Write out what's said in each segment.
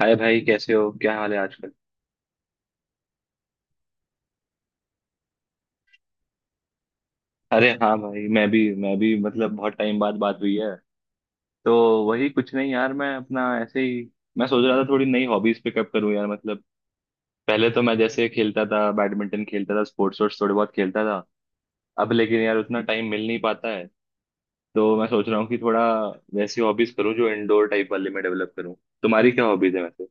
हाय भाई, कैसे हो? क्या हाल है आजकल? अरे हाँ भाई, मैं भी मतलब बहुत टाइम बाद बात हुई है। तो वही, कुछ नहीं यार, मैं अपना ऐसे ही। मैं सोच रहा था थोड़ी नई हॉबीज पिकअप करूँ यार, मतलब पहले तो मैं जैसे खेलता था, बैडमिंटन खेलता था, स्पोर्ट्स वोर्ट्स थोड़े बहुत खेलता था। अब लेकिन यार उतना टाइम मिल नहीं पाता है। तो मैं सोच रहा हूँ कि थोड़ा वैसी हॉबीज करूँ जो इंडोर टाइप वाली मैं डेवलप करूँ। तुम्हारी क्या हॉबीज है वैसे?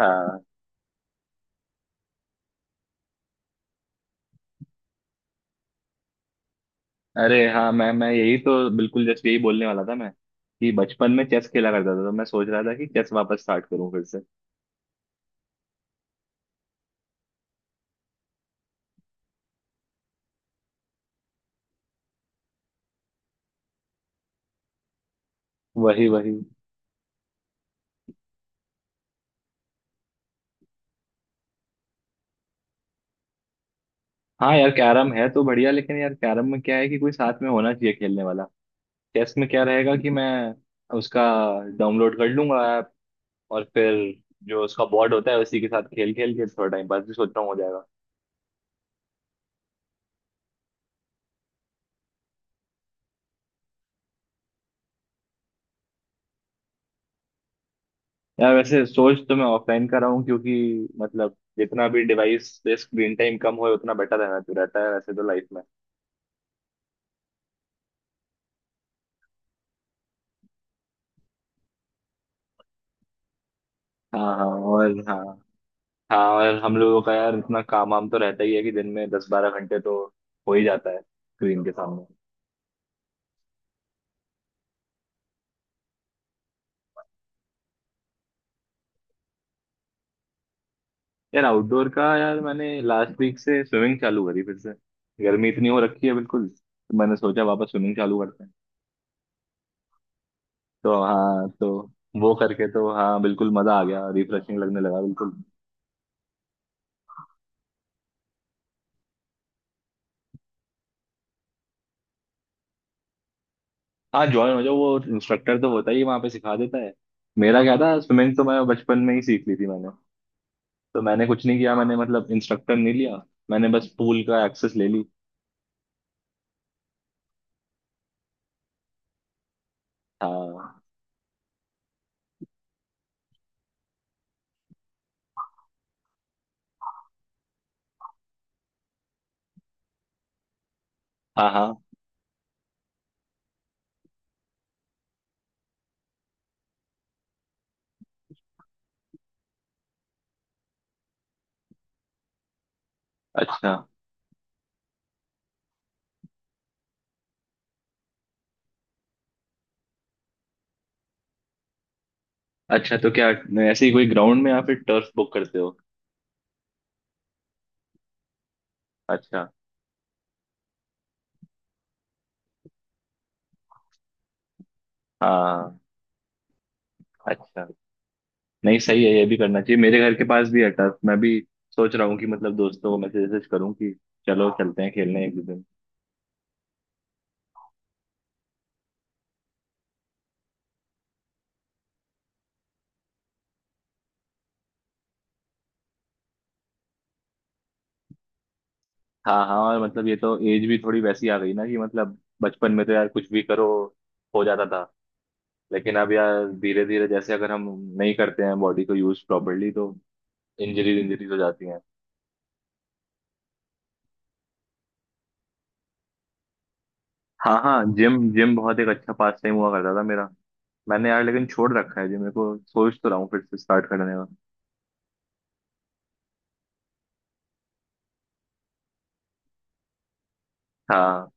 हाँ। अरे हाँ, मैं यही तो बिल्कुल जस्ट यही बोलने वाला था मैं, कि बचपन में चेस खेला करता था, तो मैं सोच रहा था कि चेस वापस स्टार्ट करूँ फिर से। वही वही। हाँ यार, कैरम है तो बढ़िया, लेकिन यार कैरम में क्या है कि कोई साथ में होना चाहिए खेलने वाला। चेस में क्या रहेगा कि मैं उसका डाउनलोड कर लूंगा ऐप, और फिर जो उसका बोर्ड होता है उसी के साथ खेल खेल के थोड़ा टाइम पास भी सोच रहा हूँ हो जाएगा। यार वैसे सोच तो मैं ऑफलाइन कर रहा हूँ, क्योंकि मतलब जितना भी डिवाइस पे स्क्रीन टाइम कम हो उतना बेटर रहना तो रहता है वैसे तो लाइफ में। हाँ, हाँ, और हाँ। हाँ, और हम लोगों का यार इतना काम वाम तो रहता ही है कि दिन में 10-12 घंटे तो हो ही जाता है स्क्रीन के सामने। यार आउटडोर का, यार मैंने लास्ट वीक से स्विमिंग चालू करी फिर से। गर्मी इतनी हो रखी है बिल्कुल, तो मैंने सोचा वापस स्विमिंग चालू करते हैं। तो हाँ, तो वो करके तो हाँ, बिल्कुल मजा आ गया, रिफ्रेशिंग लगने लगा बिल्कुल। हाँ, ज्वाइन हो जाओ, वो इंस्ट्रक्टर तो होता ही है, वहाँ पे सिखा देता है। मेरा क्या था, स्विमिंग तो मैं बचपन में ही सीख ली थी मैंने। तो मैंने कुछ नहीं किया, मैंने मतलब इंस्ट्रक्टर नहीं लिया। मैंने बस पूल का एक्सेस ले ली। हाँ, हाँ, हाँ, अच्छा। अच्छा, तो क्या ऐसे ही कोई ग्राउंड में या फिर टर्फ बुक करते हो? अच्छा, हाँ, अच्छा। नहीं, सही है, ये भी करना चाहिए, मेरे घर के पास भी है टर्फ, मैं भी सोच रहा हूँ कि मतलब दोस्तों को मैसेज वैसेज करूँ कि चलो चलते हैं खेलने एक दो दिन। हाँ, हाँ, और मतलब ये तो एज भी थोड़ी वैसी आ गई ना कि मतलब बचपन में तो यार कुछ भी करो, हो जाता था। लेकिन अब यार धीरे धीरे जैसे अगर हम नहीं करते हैं बॉडी को यूज प्रॉपरली, तो इंजरीज इंजरीज हो जाती हैं। हाँ, हाँ, जिम जिम बहुत एक अच्छा पास टाइम हुआ करता था मेरा। मैंने यार लेकिन छोड़ रखा है जिम, मेरे को सोच तो रहा हूँ फिर से स्टार्ट करने का। हाँ,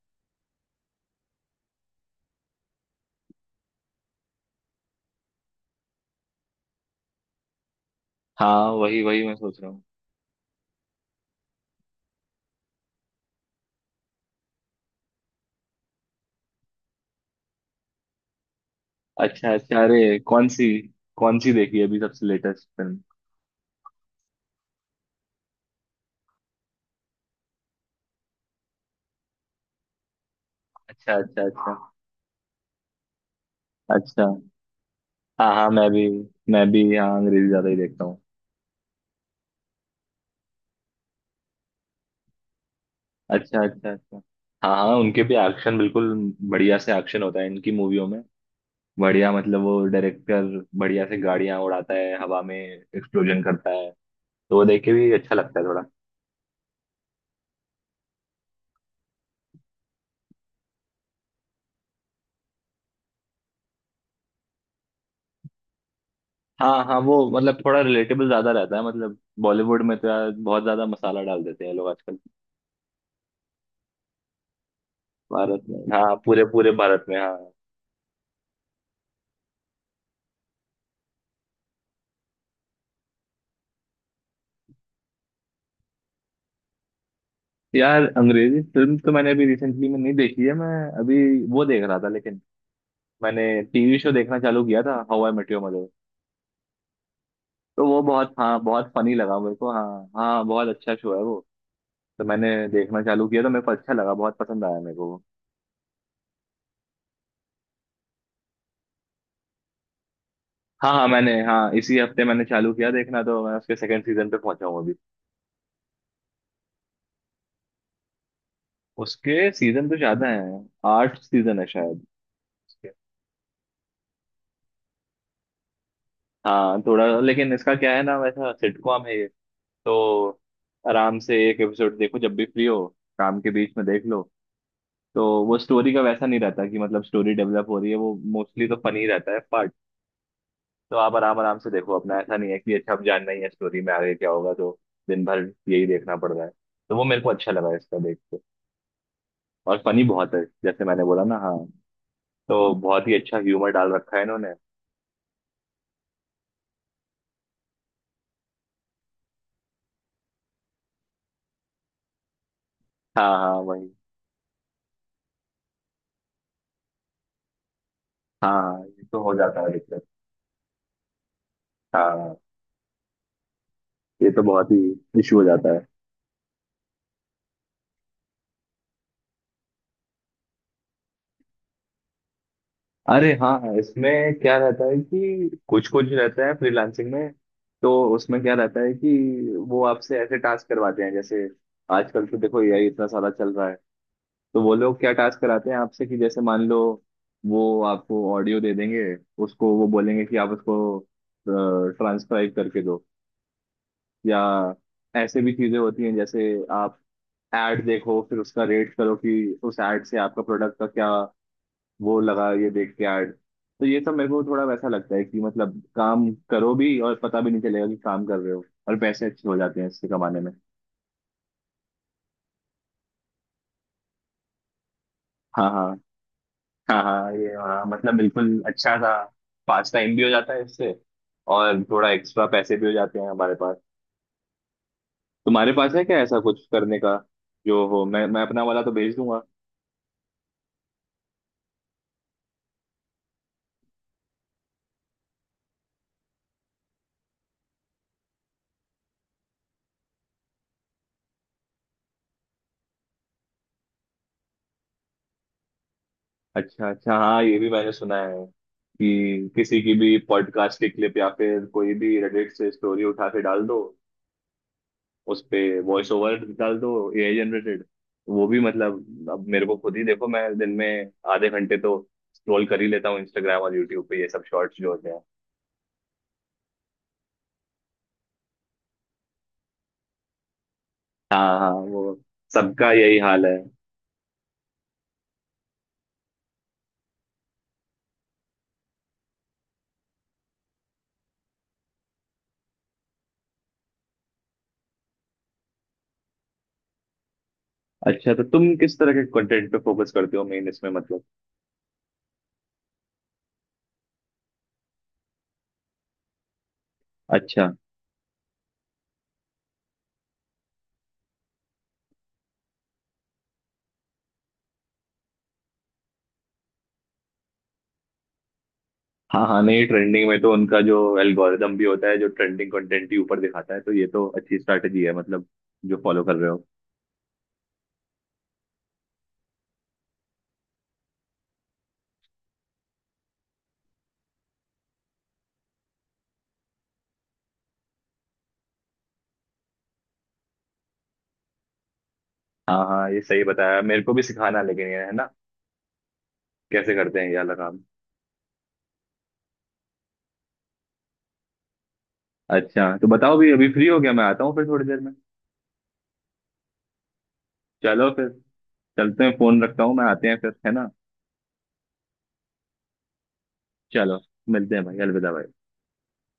हाँ, वही वही मैं सोच रहा हूँ। अच्छा, अच्छा, अरे कौन सी? कौन सी देखी अभी सबसे लेटेस्ट फिल्म? अच्छा, अच्छा, अच्छा। अच्छा, हाँ, हाँ, मैं भी यहाँ अंग्रेजी ज्यादा ही देखता हूँ। अच्छा, अच्छा, अच्छा, हाँ, हाँ, उनके भी एक्शन बिल्कुल बढ़िया से एक्शन होता है इनकी मूवियों में। बढ़िया मतलब वो डायरेक्टर बढ़िया से गाड़ियां उड़ाता है, हवा में एक्सप्लोजन करता है। तो वो देख के भी अच्छा लगता है थोड़ा। हाँ, हाँ, वो मतलब थोड़ा रिलेटेबल ज्यादा रहता है, मतलब बॉलीवुड में तो यार बहुत ज्यादा मसाला डाल देते हैं लोग आजकल। भारत में, हाँ, पूरे पूरे भारत में, हाँ। यार अंग्रेजी फिल्म तो मैंने अभी रिसेंटली में नहीं देखी है, मैं अभी वो देख रहा था, लेकिन मैंने टीवी शो देखना चालू किया था, how I met your mother. तो वो बहुत, हाँ बहुत फनी लगा मेरे को, हाँ, हाँ, बहुत अच्छा शो है वो। तो मैंने देखना चालू किया, तो मेरे को अच्छा लगा, बहुत पसंद आया मेरे को। हाँ, हाँ, मैंने हाँ इसी हफ्ते मैंने चालू किया देखना, तो मैं उसके सेकंड सीजन पे पहुंचा हूँ अभी। उसके सीजन तो ज्यादा है। 8 सीजन है शायद उसके। हाँ थोड़ा, लेकिन इसका क्या है ना, वैसा सिटकॉम है ये। तो आराम से एक एपिसोड देखो जब भी फ्री हो, काम के बीच में देख लो। तो वो स्टोरी का वैसा नहीं रहता कि मतलब स्टोरी डेवलप हो रही है, वो मोस्टली तो फनी रहता है पार्ट। तो आप आराम आराम से देखो अपना, ऐसा नहीं है कि अच्छा अब जानना ही है स्टोरी में आगे क्या होगा तो दिन भर यही देखना पड़ रहा है। तो वो मेरे को अच्छा लगा इसका देख, और फनी बहुत है जैसे मैंने बोला ना, हाँ। तो बहुत ही अच्छा ह्यूमर डाल रखा है इन्होंने। हाँ, हाँ, वही। हाँ, हाँ, ये तो हो जाता है दिक्कत। हाँ, ये तो बहुत ही इशू हो जाता है। अरे हाँ, हाँ, इसमें क्या रहता है कि कुछ कुछ रहता है फ्रीलांसिंग में। तो उसमें क्या रहता है कि वो आपसे ऐसे टास्क करवाते हैं, जैसे आजकल तो देखो यही इतना सारा चल रहा है। तो वो लोग क्या टास्क कराते हैं आपसे कि जैसे मान लो, वो आपको ऑडियो दे देंगे। उसको वो बोलेंगे कि आप उसको ट्रांसक्राइब करके दो। या ऐसे भी चीजें होती हैं, जैसे आप ऐड देखो फिर उसका रेट करो कि उस ऐड से आपका प्रोडक्ट का क्या वो लगा ये देख के ऐड। तो ये सब मेरे को थोड़ा वैसा लगता है कि मतलब काम करो भी और पता भी नहीं चलेगा कि काम कर रहे हो, और पैसे अच्छे हो जाते हैं इससे कमाने में। हाँ, हाँ, हाँ, हाँ, ये हाँ, मतलब बिल्कुल अच्छा सा पास टाइम भी हो जाता है इससे, और थोड़ा एक्स्ट्रा पैसे भी हो जाते हैं हमारे पास। तुम्हारे पास है क्या ऐसा कुछ करने का जो हो, मैं अपना वाला तो भेज दूंगा। अच्छा, अच्छा, हाँ ये भी मैंने सुना है कि किसी की भी पॉडकास्ट की क्लिप या फिर कोई भी रेडिट से स्टोरी उठा के डाल दो उस पे, वॉइस ओवर डाल दो, एआई जनरेटेड। वो भी मतलब अब मेरे को खुद ही देखो, मैं दिन में आधे घंटे तो स्क्रॉल कर ही लेता हूँ इंस्टाग्राम और यूट्यूब पे ये सब शॉर्ट्स जो होते हैं। हाँ, हाँ, वो सबका यही हाल है। अच्छा, तो तुम किस तरह के कंटेंट पे फोकस करते हो मेन इसमें, मतलब? अच्छा, हाँ, हाँ, नहीं ट्रेंडिंग में तो उनका जो एल्गोरिदम भी होता है जो ट्रेंडिंग कंटेंट ही ऊपर दिखाता है, तो ये तो अच्छी स्ट्रैटेजी है मतलब जो फॉलो कर रहे हो। हाँ, हाँ, ये सही बताया, मेरे को भी सिखाना लेकिन ये है ना, कैसे करते हैं ये वाला काम? अच्छा, तो बताओ भी, अभी फ्री हो गया, मैं आता हूँ फिर थोड़ी देर में। चलो फिर। चलते हैं, फोन रखता हूँ मैं, आते हैं फिर है ना। चलो, मिलते हैं भाई, अलविदा भाई।